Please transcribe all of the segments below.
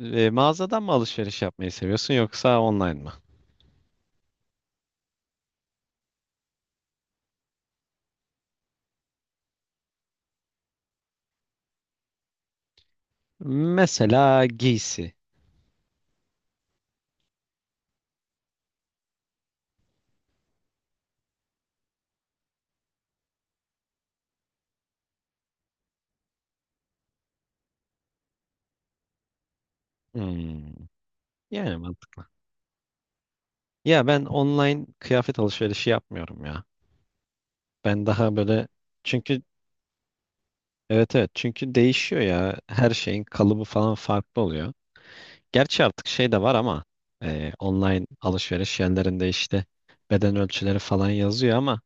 Mağazadan mı alışveriş yapmayı seviyorsun yoksa online mı? Mesela giysi. Hmm. Yani mantıklı. Ya ben online kıyafet alışverişi yapmıyorum ya. Ben daha böyle çünkü evet evet çünkü değişiyor ya. Her şeyin kalıbı falan farklı oluyor. Gerçi artık şey de var ama online alışveriş yerlerinde işte beden ölçüleri falan yazıyor ama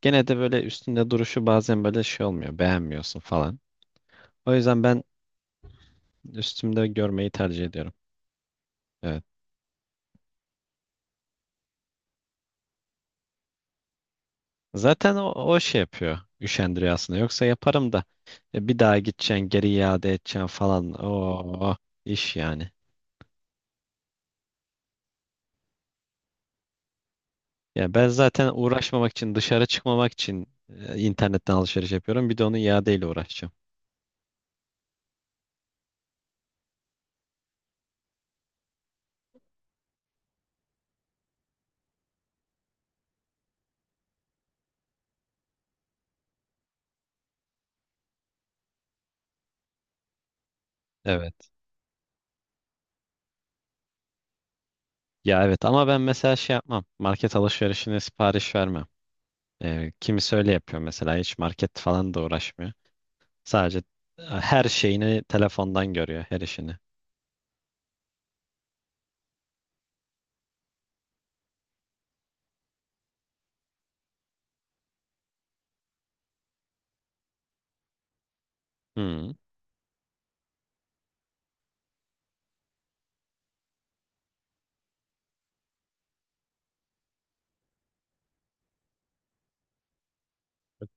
gene de böyle üstünde duruşu bazen böyle şey olmuyor. Beğenmiyorsun falan. O yüzden ben üstümde görmeyi tercih ediyorum. Evet. Zaten o şey yapıyor. Üşendiriyor aslında. Yoksa yaparım da bir daha gideceksin, geri iade edeceksin falan. Oo, iş yani. Ya ben zaten uğraşmamak için, dışarı çıkmamak için internetten alışveriş yapıyorum. Bir de onu iadeyle uğraşacağım. Evet. Ya evet ama ben mesela şey yapmam. Market alışverişine sipariş vermem. Kimisi öyle yapıyor mesela. Hiç market falan da uğraşmıyor. Sadece her şeyini telefondan görüyor, her işini. Hmm.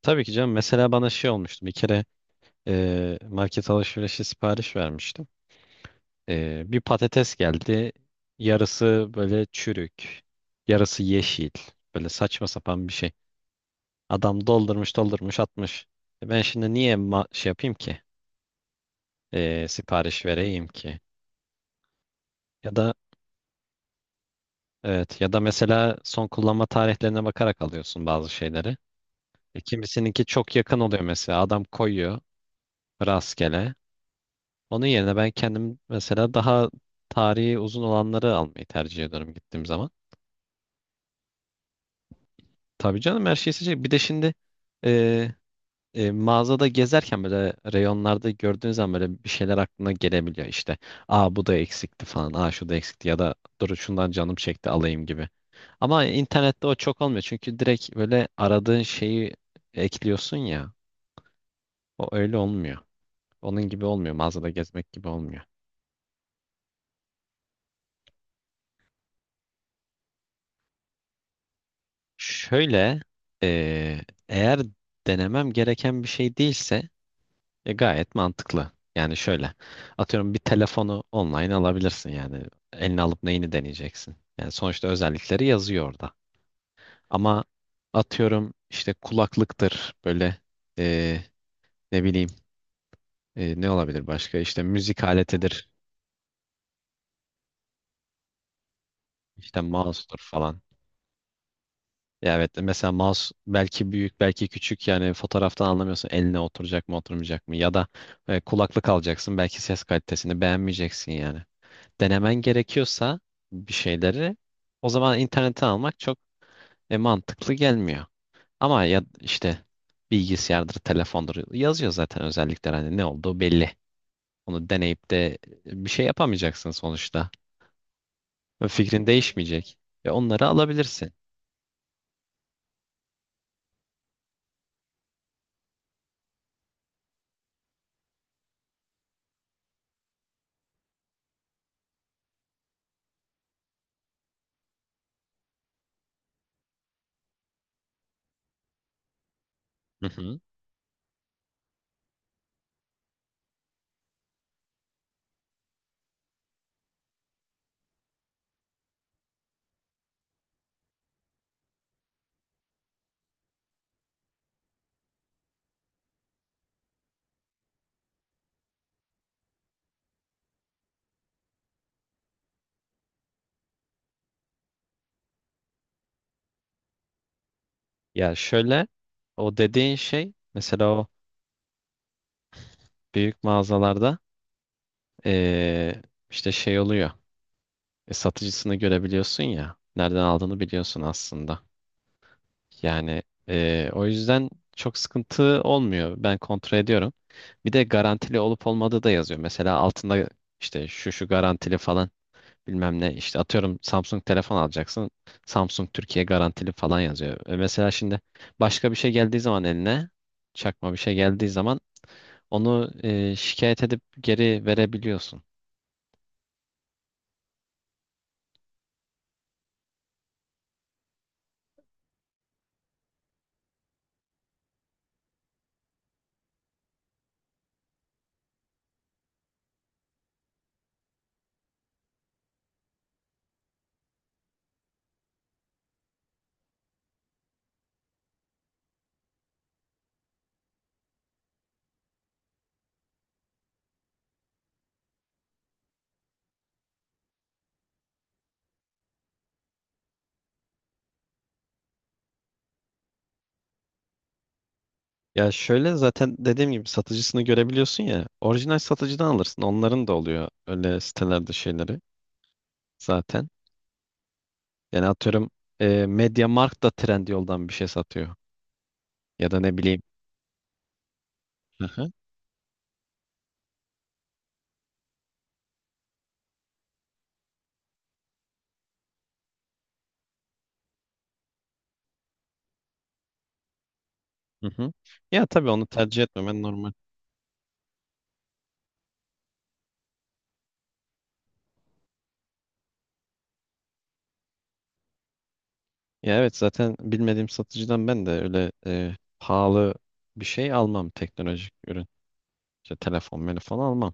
Tabii ki canım. Mesela bana şey olmuştu. Bir kere market alışverişi sipariş vermiştim. Bir patates geldi. Yarısı böyle çürük, yarısı yeşil. Böyle saçma sapan bir şey. Adam doldurmuş, doldurmuş, atmış. E ben şimdi niye şey yapayım ki? Sipariş vereyim ki? Ya da evet ya da mesela son kullanma tarihlerine bakarak alıyorsun bazı şeyleri. Kimisininki çok yakın oluyor mesela. Adam koyuyor rastgele. Onun yerine ben kendim mesela daha tarihi uzun olanları almayı tercih ediyorum gittiğim zaman. Tabii canım her şeyi seçecek. Bir de şimdi e, mağazada gezerken böyle reyonlarda gördüğün zaman böyle bir şeyler aklına gelebiliyor işte. Aa bu da eksikti falan. Aa şu da eksikti ya da dur şundan canım çekti alayım gibi. Ama internette o çok olmuyor. Çünkü direkt böyle aradığın şeyi ekliyorsun ya. O öyle olmuyor. Onun gibi olmuyor. Mağazada gezmek gibi olmuyor. Şöyle, eğer denemem gereken bir şey değilse gayet mantıklı. Yani şöyle, atıyorum bir telefonu online alabilirsin yani. Eline alıp neyini deneyeceksin. Yani sonuçta özellikleri yazıyor orada. Ama atıyorum işte kulaklıktır böyle eee, ne bileyim ne olabilir başka işte müzik aletidir işte mouse'tur falan. Ya evet mesela mouse belki büyük belki küçük yani fotoğraftan anlamıyorsun eline oturacak mı oturmayacak mı ya da kulaklık alacaksın belki ses kalitesini beğenmeyeceksin yani. Denemen gerekiyorsa bir şeyleri o zaman internete almak çok mantıklı gelmiyor. Ama ya işte bilgisayardır, telefondur yazıyor zaten özellikler hani ne olduğu belli. Onu deneyip de bir şey yapamayacaksın sonuçta. Ve fikrin değişmeyecek. Ve onları alabilirsin. Hı hı. Ya şöyle o dediğin şey mesela o büyük mağazalarda eee, işte şey oluyor. Satıcısını görebiliyorsun ya. Nereden aldığını biliyorsun aslında. Yani o yüzden çok sıkıntı olmuyor. Ben kontrol ediyorum. Bir de garantili olup olmadığı da yazıyor. Mesela altında işte şu şu garantili falan bilmem ne işte atıyorum Samsung telefon alacaksın. Samsung Türkiye garantili falan yazıyor. Mesela şimdi başka bir şey geldiği zaman eline çakma bir şey geldiği zaman onu şikayet edip geri verebiliyorsun. Ya şöyle zaten dediğim gibi satıcısını görebiliyorsun ya. Orijinal satıcıdan alırsın. Onların da oluyor öyle sitelerde şeyleri zaten. Yani atıyorum MediaMarkt da Trendyol'dan bir şey satıyor. Ya da ne bileyim. Aha. Hı hı. Ya tabii onu tercih etmemen normal. Ya evet zaten bilmediğim satıcıdan ben de öyle pahalı bir şey almam teknolojik ürün. İşte telefon, telefon almam.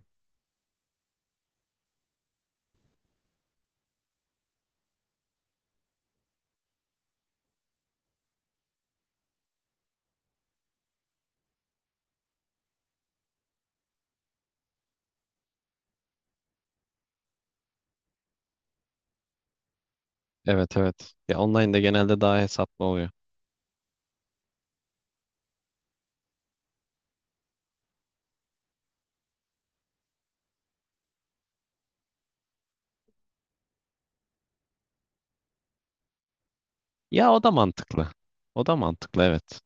Evet evet. Ya online'da genelde daha hesaplı oluyor. Ya o da mantıklı. O da mantıklı evet.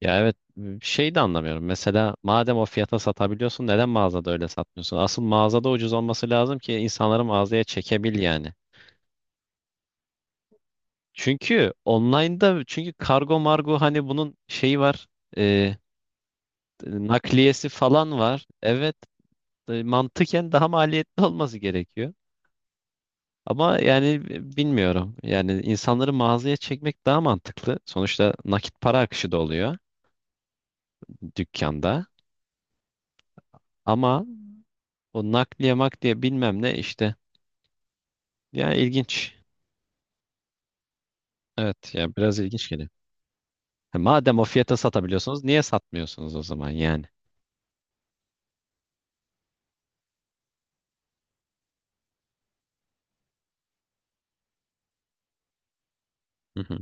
Ya evet şey de anlamıyorum. Mesela madem o fiyata satabiliyorsun neden mağazada öyle satmıyorsun? Asıl mağazada ucuz olması lazım ki insanları mağazaya çekebil yani. Çünkü online'da çünkü kargo margo hani bunun şeyi var. e, nakliyesi falan var. Evet mantıken daha maliyetli olması gerekiyor. Ama yani bilmiyorum. Yani insanları mağazaya çekmek daha mantıklı. Sonuçta nakit para akışı da oluyor dükkanda. Ama o nakliye makliye bilmem ne işte. Yani ilginç. Evet ya biraz ilginç geliyor. Ha, madem o fiyata satabiliyorsunuz niye satmıyorsunuz o zaman yani? Hı hı.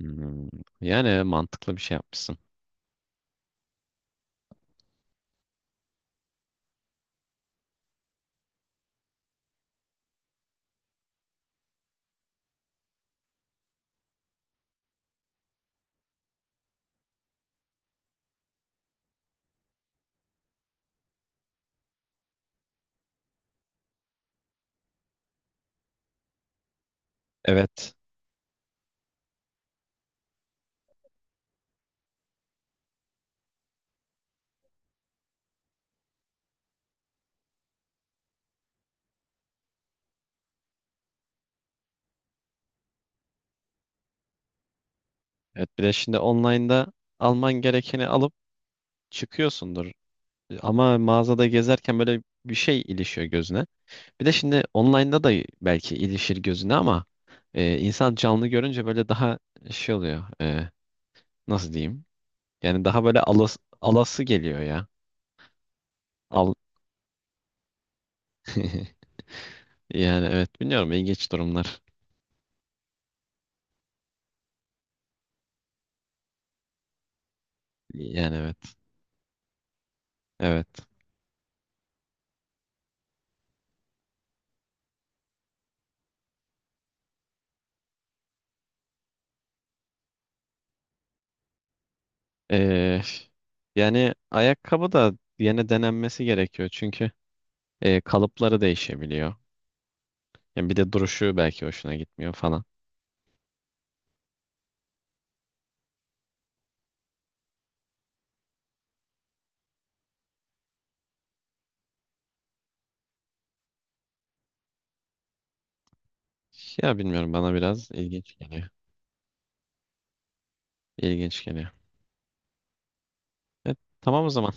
Hmm, Yani mantıklı bir şey yapmışsınız. Evet. Evet bir de şimdi online'da alman gerekeni alıp çıkıyorsundur. Ama mağazada gezerken böyle bir şey ilişiyor gözüne. Bir de şimdi online'da da belki ilişir gözüne ama insan canlı görünce böyle daha şey oluyor. Nasıl diyeyim? Yani daha böyle alası geliyor ya. Al Yani evet bilmiyorum ilginç durumlar. Yani evet. Evet. E, yani ayakkabı da yine denenmesi gerekiyor çünkü kalıpları değişebiliyor. Ya bir de duruşu belki hoşuna gitmiyor falan. Ya bilmiyorum bana biraz ilginç geliyor. İlginç geliyor. E, tamam o zaman.